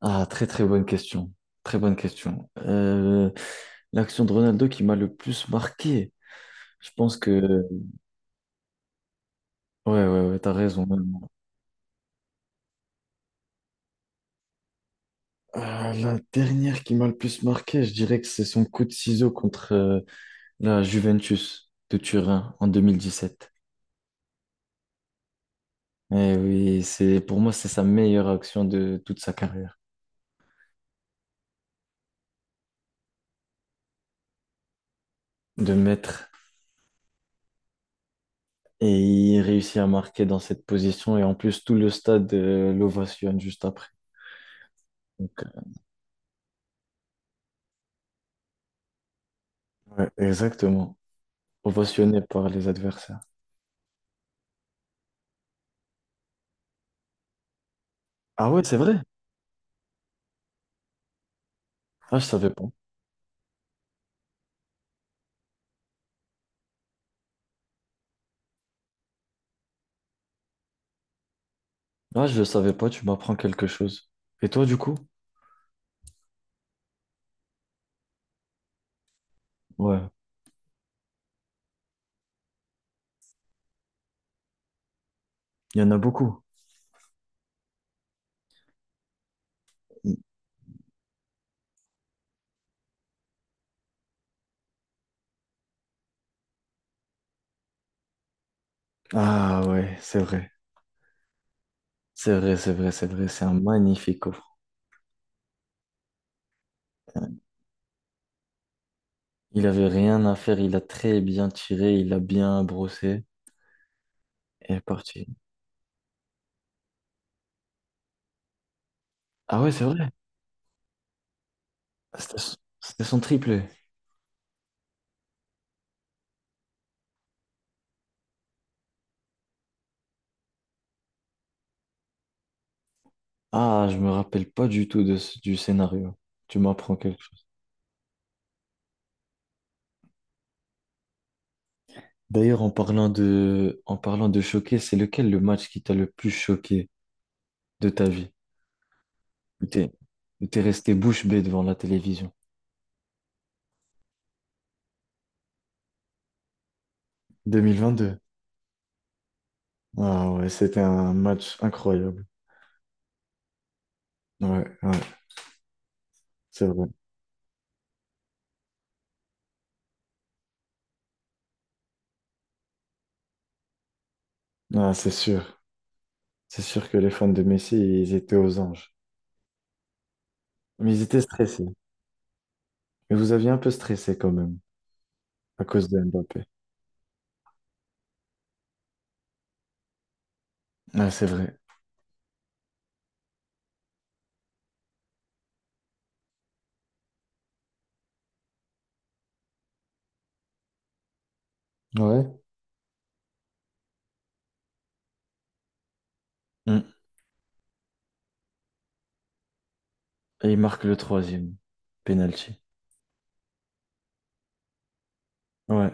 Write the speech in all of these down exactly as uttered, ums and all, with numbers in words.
Ah, très très bonne question. Très bonne question. Euh, l'action de Ronaldo qui m'a le plus marqué. Je pense que... Ouais, ouais, ouais, t'as raison. Vraiment. Euh, la dernière qui m'a le plus marqué, je dirais que c'est son coup de ciseau contre euh, la Juventus de Turin en deux mille dix sept. Eh oui, c'est, pour moi, c'est sa meilleure action de toute sa carrière, de maître. Et il réussit à marquer dans cette position. Et en plus, tout le stade euh, l'ovationne juste après. Donc, euh, ouais, exactement. Ovationné par les adversaires. Ah ouais, c'est vrai. Ah, je savais pas. Ah, je le savais pas, tu m'apprends quelque chose. Et toi, du coup? Ouais, il y en a beaucoup. Ah ouais, c'est vrai. C'est vrai, c'est vrai, c'est vrai. C'est un magnifique offre. Il avait rien à faire, il a très bien tiré, il a bien brossé et est parti. Ah ouais, c'est vrai. C'était son c'était son triplé. Ah, je me rappelle pas du tout de, ce- du scénario. Tu m'apprends quelque chose. D'ailleurs, en parlant de, en parlant de choqué, c'est lequel le match qui t'a le plus choqué? De ta vie, où t'es, où t'es resté bouche bée devant la télévision. Deux mille vingt deux. Ah ouais, c'était un match incroyable. Ouais, ouais, c'est vrai. Ah, c'est sûr. C'est sûr que les fans de Messi, ils étaient aux anges. Mais ils étaient stressés. Mais vous aviez un peu stressé quand même, à cause de Mbappé. Ah, c'est vrai. Ouais. Mm. Et il marque le troisième penalty. Ouais.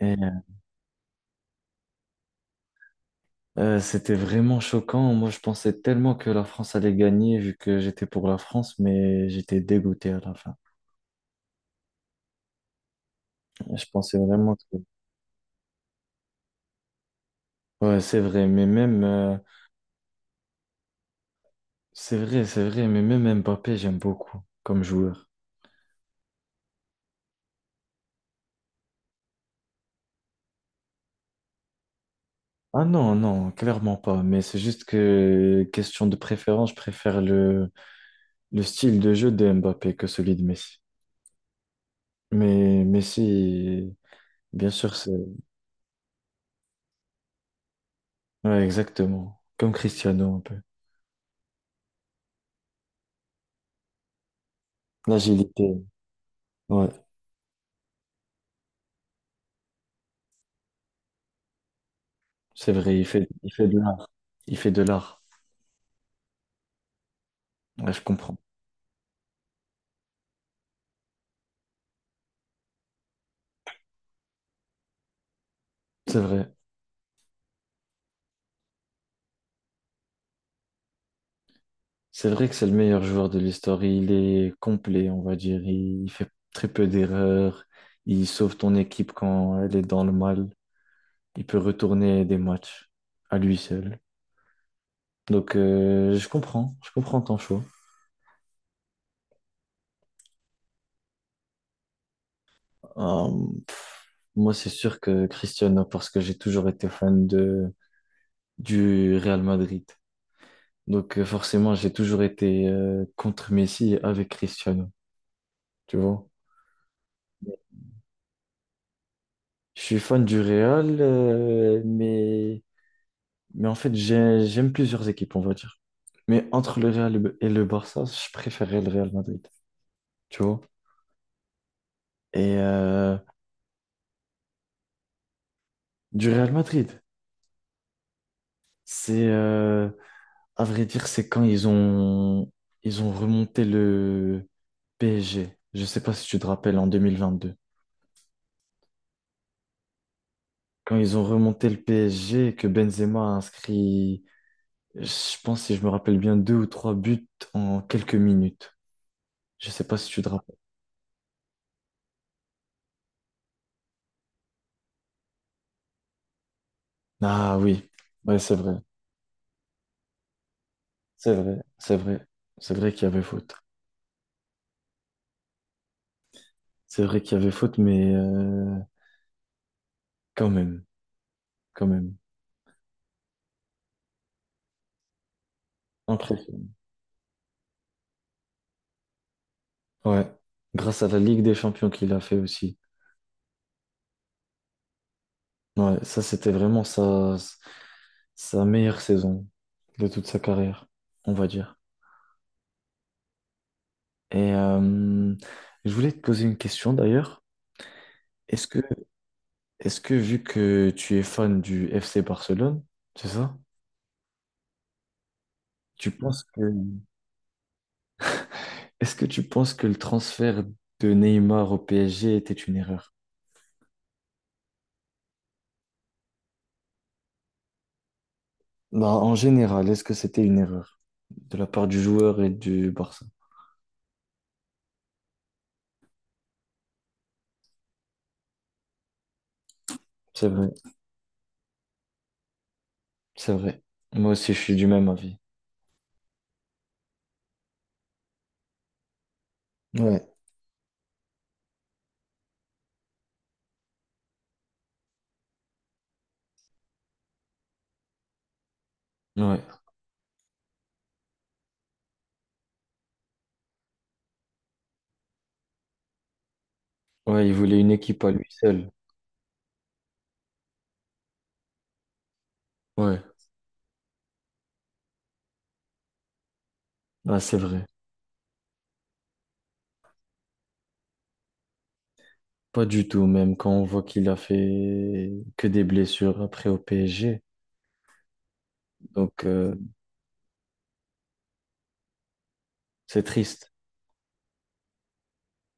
Et euh, c'était vraiment choquant. Moi, je pensais tellement que la France allait gagner, vu que j'étais pour la France, mais j'étais dégoûté à la fin. Je pensais vraiment que... Ouais, c'est vrai, mais même... euh, C'est vrai, c'est vrai, mais même Mbappé, j'aime beaucoup comme joueur. Ah non, non, clairement pas. Mais c'est juste que, question de préférence, je préfère le, le style de jeu de Mbappé que celui de Messi. Mais Messi, bien sûr, c'est... Ouais, exactement. Comme Cristiano, un peu. L'agilité, ouais, c'est vrai, il fait, il fait de l'art. Il fait de l'art. Ouais, je comprends. C'est vrai. C'est vrai que c'est le meilleur joueur de l'histoire. Il est complet, on va dire. Il fait très peu d'erreurs. Il sauve ton équipe quand elle est dans le mal. Il peut retourner des matchs à lui seul. Donc, euh, je comprends. Je comprends ton choix. Euh, moi, c'est sûr que Cristiano, parce que j'ai toujours été fan de, du Real Madrid. Donc, euh, forcément, j'ai toujours été euh, contre Messi et avec Cristiano. Tu vois? Je suis fan du Real, euh, mais. Mais en fait, j'ai- j'aime plusieurs équipes, on va dire. Mais entre le Real et le et le Barça, je préférais le Real Madrid, tu vois. Et euh, du Real Madrid, c'est, euh, à vrai dire, c'est quand ils ont, ils ont remonté le P S G. Je sais pas si tu te rappelles, en deux mille vingt-deux. Quand ils ont remonté le P S G et que Benzema a inscrit, je pense, si je me rappelle bien, deux ou trois buts en quelques minutes. Je sais pas si tu te rappelles. Ah oui, ouais, c'est vrai. C'est vrai, c'est vrai, c'est vrai qu'il y avait faute. C'est vrai qu'il y avait faute, mais euh, quand même, quand même. Impressionnant. Ouais, grâce à la Ligue des Champions qu'il a fait aussi. Ouais, ça c'était vraiment sa, sa meilleure saison de toute sa carrière, on va dire. Et euh, je voulais te poser une question d'ailleurs. Est-ce que, est-ce que vu que tu es fan du F C Barcelone, c'est ça? Tu penses que, est-ce que tu penses que le transfert de Neymar au P S G était une erreur? Bah, en général, est-ce que c'était une erreur de la part du joueur et du Barça? C'est vrai, c'est vrai. Moi aussi, je suis du même avis. Ouais, ouais, ouais, il voulait une équipe à lui seul. Ouais, bah, c'est vrai. Pas du tout, même quand on voit qu'il a fait que des blessures après au P S G. Donc, euh, c'est triste.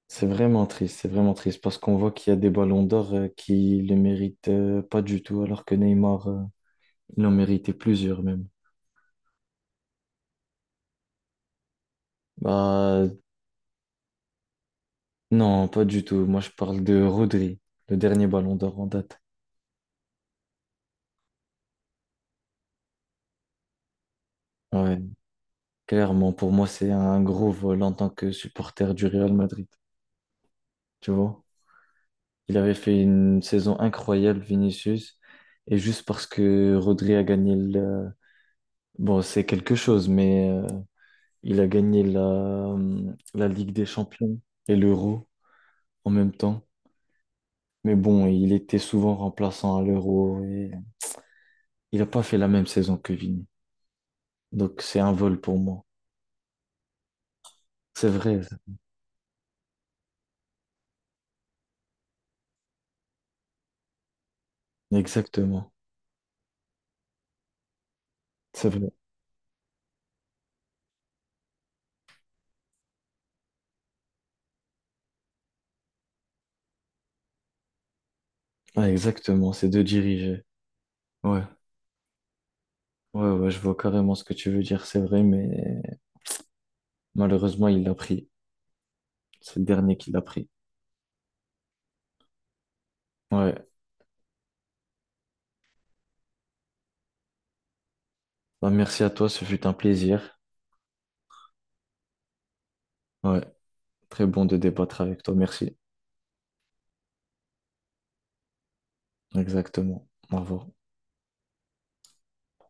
C'est vraiment triste, c'est vraiment triste parce qu'on voit qu'il y a des ballons d'or euh, qui le méritent euh, pas du tout, alors que Neymar, euh, il en méritait plusieurs même. Bah, non, pas du tout. Moi, je parle de Rodri, le dernier ballon d'or en date. Ouais, clairement, pour moi, c'est un gros vol en tant que supporter du Real Madrid. Tu vois? Il avait fait une saison incroyable, Vinicius, et juste parce que Rodri a gagné le... Bon, c'est quelque chose, mais euh, il a gagné la, euh, la Ligue des Champions et l'Euro en même temps. Mais bon, il était souvent remplaçant à l'Euro et il n'a pas fait la même saison que Vini. Donc, c'est un vol pour moi. C'est vrai. Exactement. C'est vrai. Ah, exactement, c'est de diriger. Ouais, ouais, ouais, je vois carrément ce que tu veux dire, c'est vrai, mais malheureusement, il l'a pris. C'est le dernier qui l'a pris. Ouais. Bah, merci à toi, ce fut un plaisir. Ouais, très bon de débattre avec toi, merci. Exactement. Au revoir.